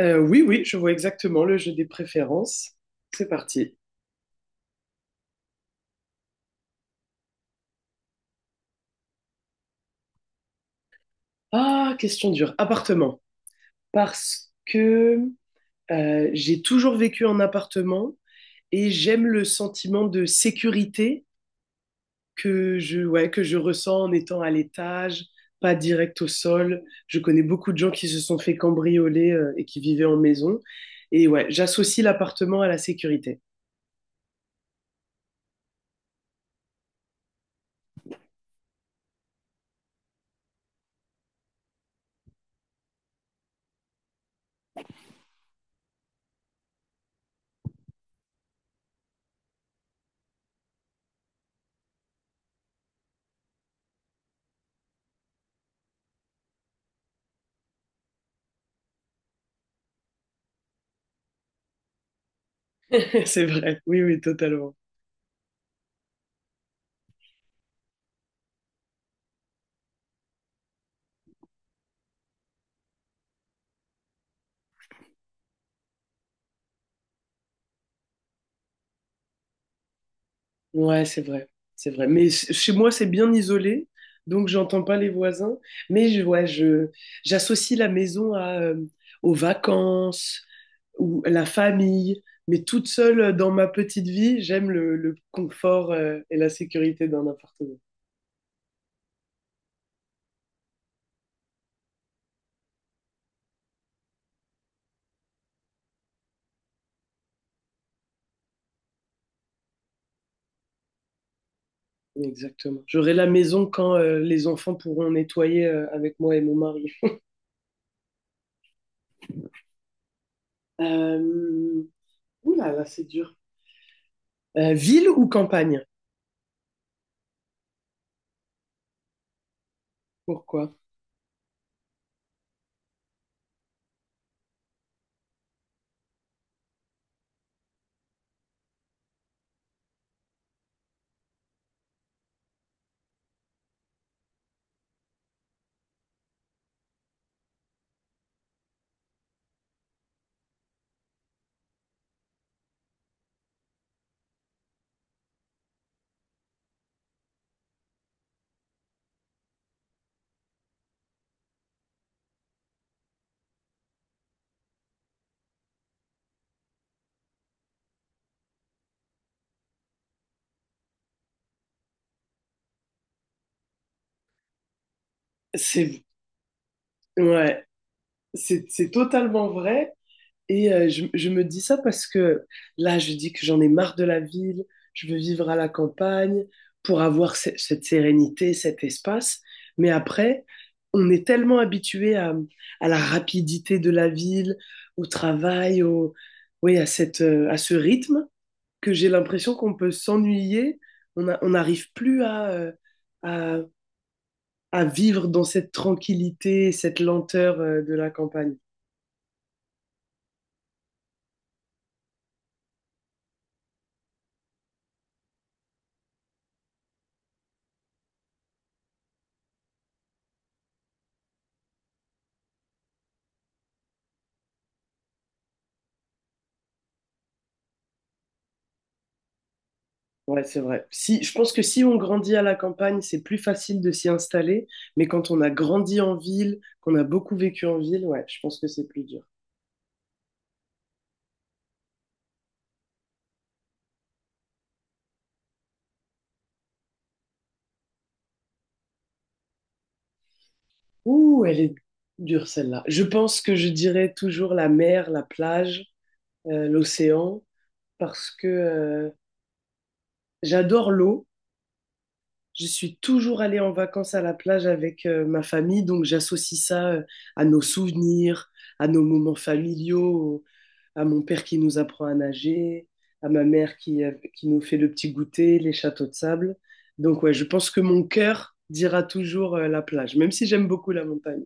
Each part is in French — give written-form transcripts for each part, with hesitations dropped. Oui, oui, je vois exactement le jeu des préférences. C'est parti. Ah, question dure. Appartement. Parce que j'ai toujours vécu en appartement et j'aime le sentiment de sécurité que ouais, que je ressens en étant à l'étage, pas direct au sol. Je connais beaucoup de gens qui se sont fait cambrioler et qui vivaient en maison. Et ouais, j'associe l'appartement à la sécurité. C'est vrai. Oui, oui, totalement. Ouais, c'est vrai, c'est vrai. Mais chez moi, c'est bien isolé, donc j'entends pas les voisins. Mais je, j'associe la maison à, aux vacances ou à la famille. Mais toute seule dans ma petite vie, j'aime le confort, et la sécurité d'un appartement. Exactement. J'aurai la maison quand, les enfants pourront nettoyer, avec moi et mon mari. Euh... Ouh là là, c'est dur. Ville ou campagne? Pourquoi? C'est ouais, c'est totalement vrai. Et je me dis ça parce que là, je dis que j'en ai marre de la ville, je veux vivre à la campagne pour avoir cette sérénité, cet espace. Mais après, on est tellement habitué à la rapidité de la ville, au travail, oui, à à ce rythme, que j'ai l'impression qu'on peut s'ennuyer. On n'arrive plus à, à vivre dans cette tranquillité, cette lenteur, de la campagne. Ouais, c'est vrai. Si, je pense que si on grandit à la campagne, c'est plus facile de s'y installer, mais quand on a grandi en ville, qu'on a beaucoup vécu en ville, ouais, je pense que c'est plus dur. Ouh, elle est dure celle-là. Je pense que je dirais toujours la mer, la plage, l'océan, parce que j'adore l'eau. Je suis toujours allée en vacances à la plage avec ma famille, donc j'associe ça à nos souvenirs, à nos moments familiaux, à mon père qui nous apprend à nager, à ma mère qui nous fait le petit goûter, les châteaux de sable. Donc ouais, je pense que mon cœur dira toujours la plage, même si j'aime beaucoup la montagne.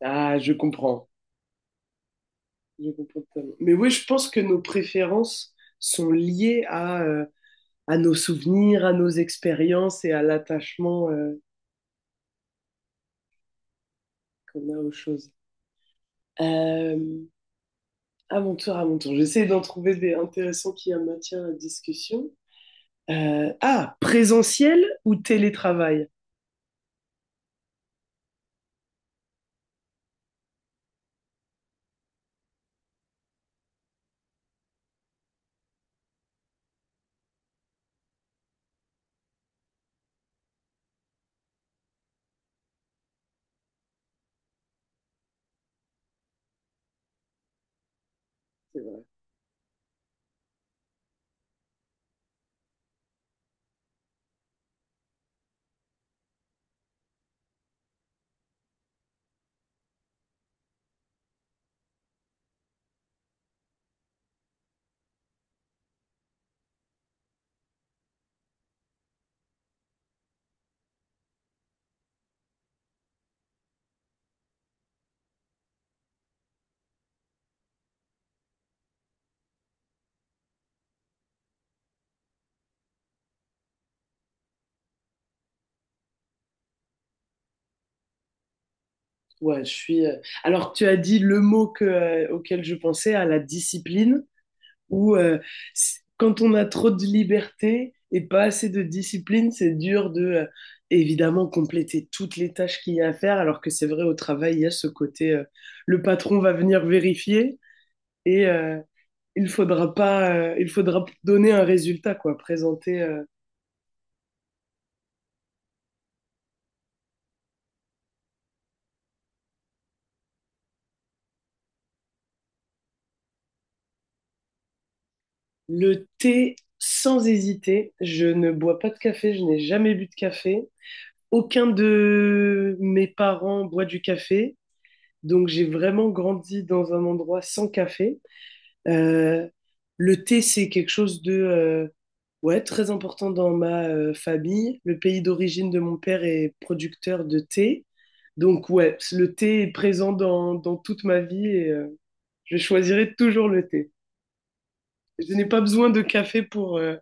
Ah, je comprends. Je comprends totalement. Mais oui, je pense que nos préférences sont liées à nos souvenirs, à nos expériences et à l'attachement qu'on a aux choses. Euh, à mon tour. J'essaie d'en trouver des intéressants qui en maintiennent la discussion. Présentiel ou télétravail? C'est vrai. Ouais, je suis. Alors, tu as dit le mot auquel je pensais, à la discipline, où quand on a trop de liberté et pas assez de discipline, c'est dur évidemment, compléter toutes les tâches qu'il y a à faire, alors que c'est vrai, au travail, il y a ce côté, le patron va venir vérifier et, il faudra pas, il faudra donner un résultat, quoi. Présenter le thé sans hésiter. Je ne bois pas de café, je n'ai jamais bu de café. Aucun de mes parents boit du café, donc j'ai vraiment grandi dans un endroit sans café. Euh, le thé, c'est quelque chose de ouais, très important dans ma famille. Le pays d'origine de mon père est producteur de thé. Donc ouais, le thé est présent dans toute ma vie et je choisirai toujours le thé. Je n'ai pas besoin de café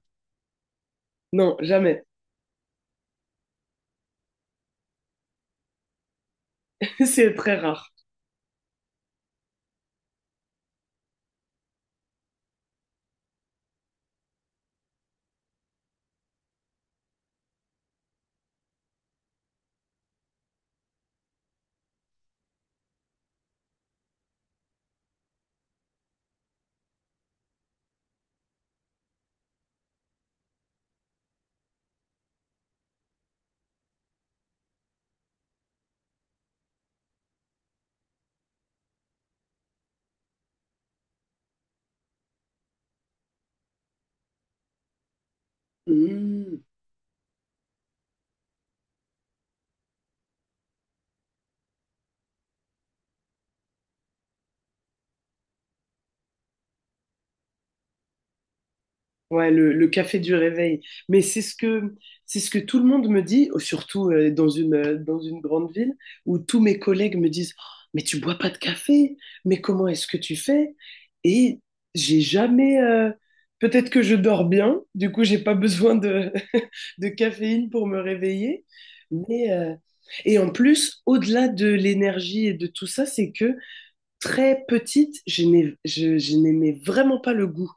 Non, jamais. C'est très rare. Hmm. Ouais, le café du réveil. Mais c'est ce que tout le monde me dit, surtout dans une grande ville, où tous mes collègues me disent, Oh, mais tu bois pas de café, mais comment est-ce que tu fais? Et j'ai jamais, peut-être que je dors bien, du coup j'ai pas besoin de, de caféine pour me réveiller. Mais, et en plus, au-delà de l'énergie et de tout ça, c'est que très petite, je n'aimais vraiment pas le goût.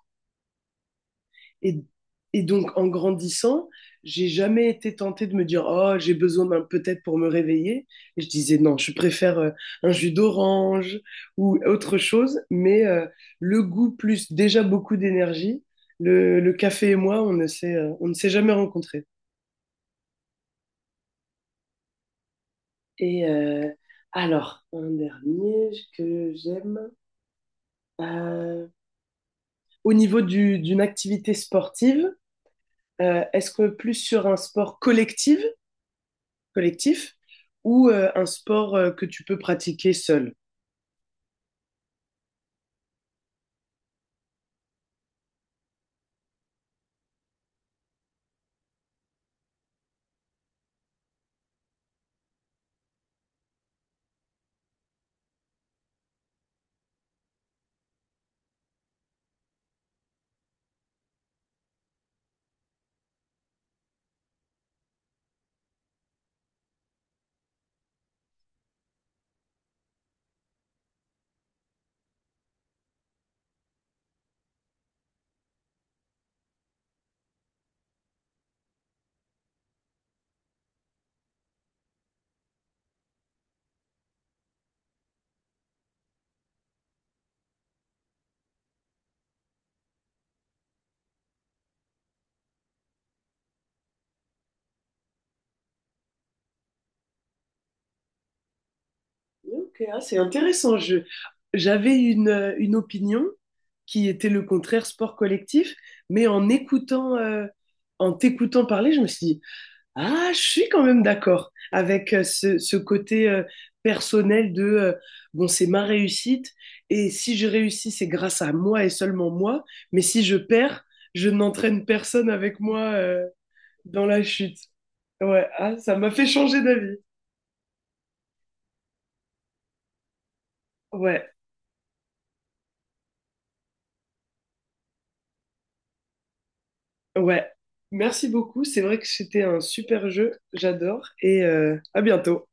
Et, et donc, en grandissant, j'ai jamais été tentée de me dire oh j'ai besoin d'un peut-être pour me réveiller. Et je disais non, je préfère un jus d'orange ou autre chose. Mais le goût plus déjà beaucoup d'énergie. Le café et moi, on ne s'est jamais rencontrés. Et alors un dernier que j'aime. Euh, au niveau d'une activité sportive, est-ce que plus sur un sport collectif collectif ou un sport que tu peux pratiquer seul. Ok, ah, c'est intéressant. J'avais une opinion qui était le contraire sport collectif, mais en t'écoutant parler, je me suis dit, ah, je suis quand même d'accord avec ce côté personnel bon, c'est ma réussite, et si je réussis, c'est grâce à moi et seulement moi, mais si je perds, je n'entraîne personne avec moi dans la chute. Ouais, ah, ça m'a fait changer d'avis. Ouais, ouais. Merci beaucoup. C'est vrai que c'était un super jeu. J'adore. Et à bientôt.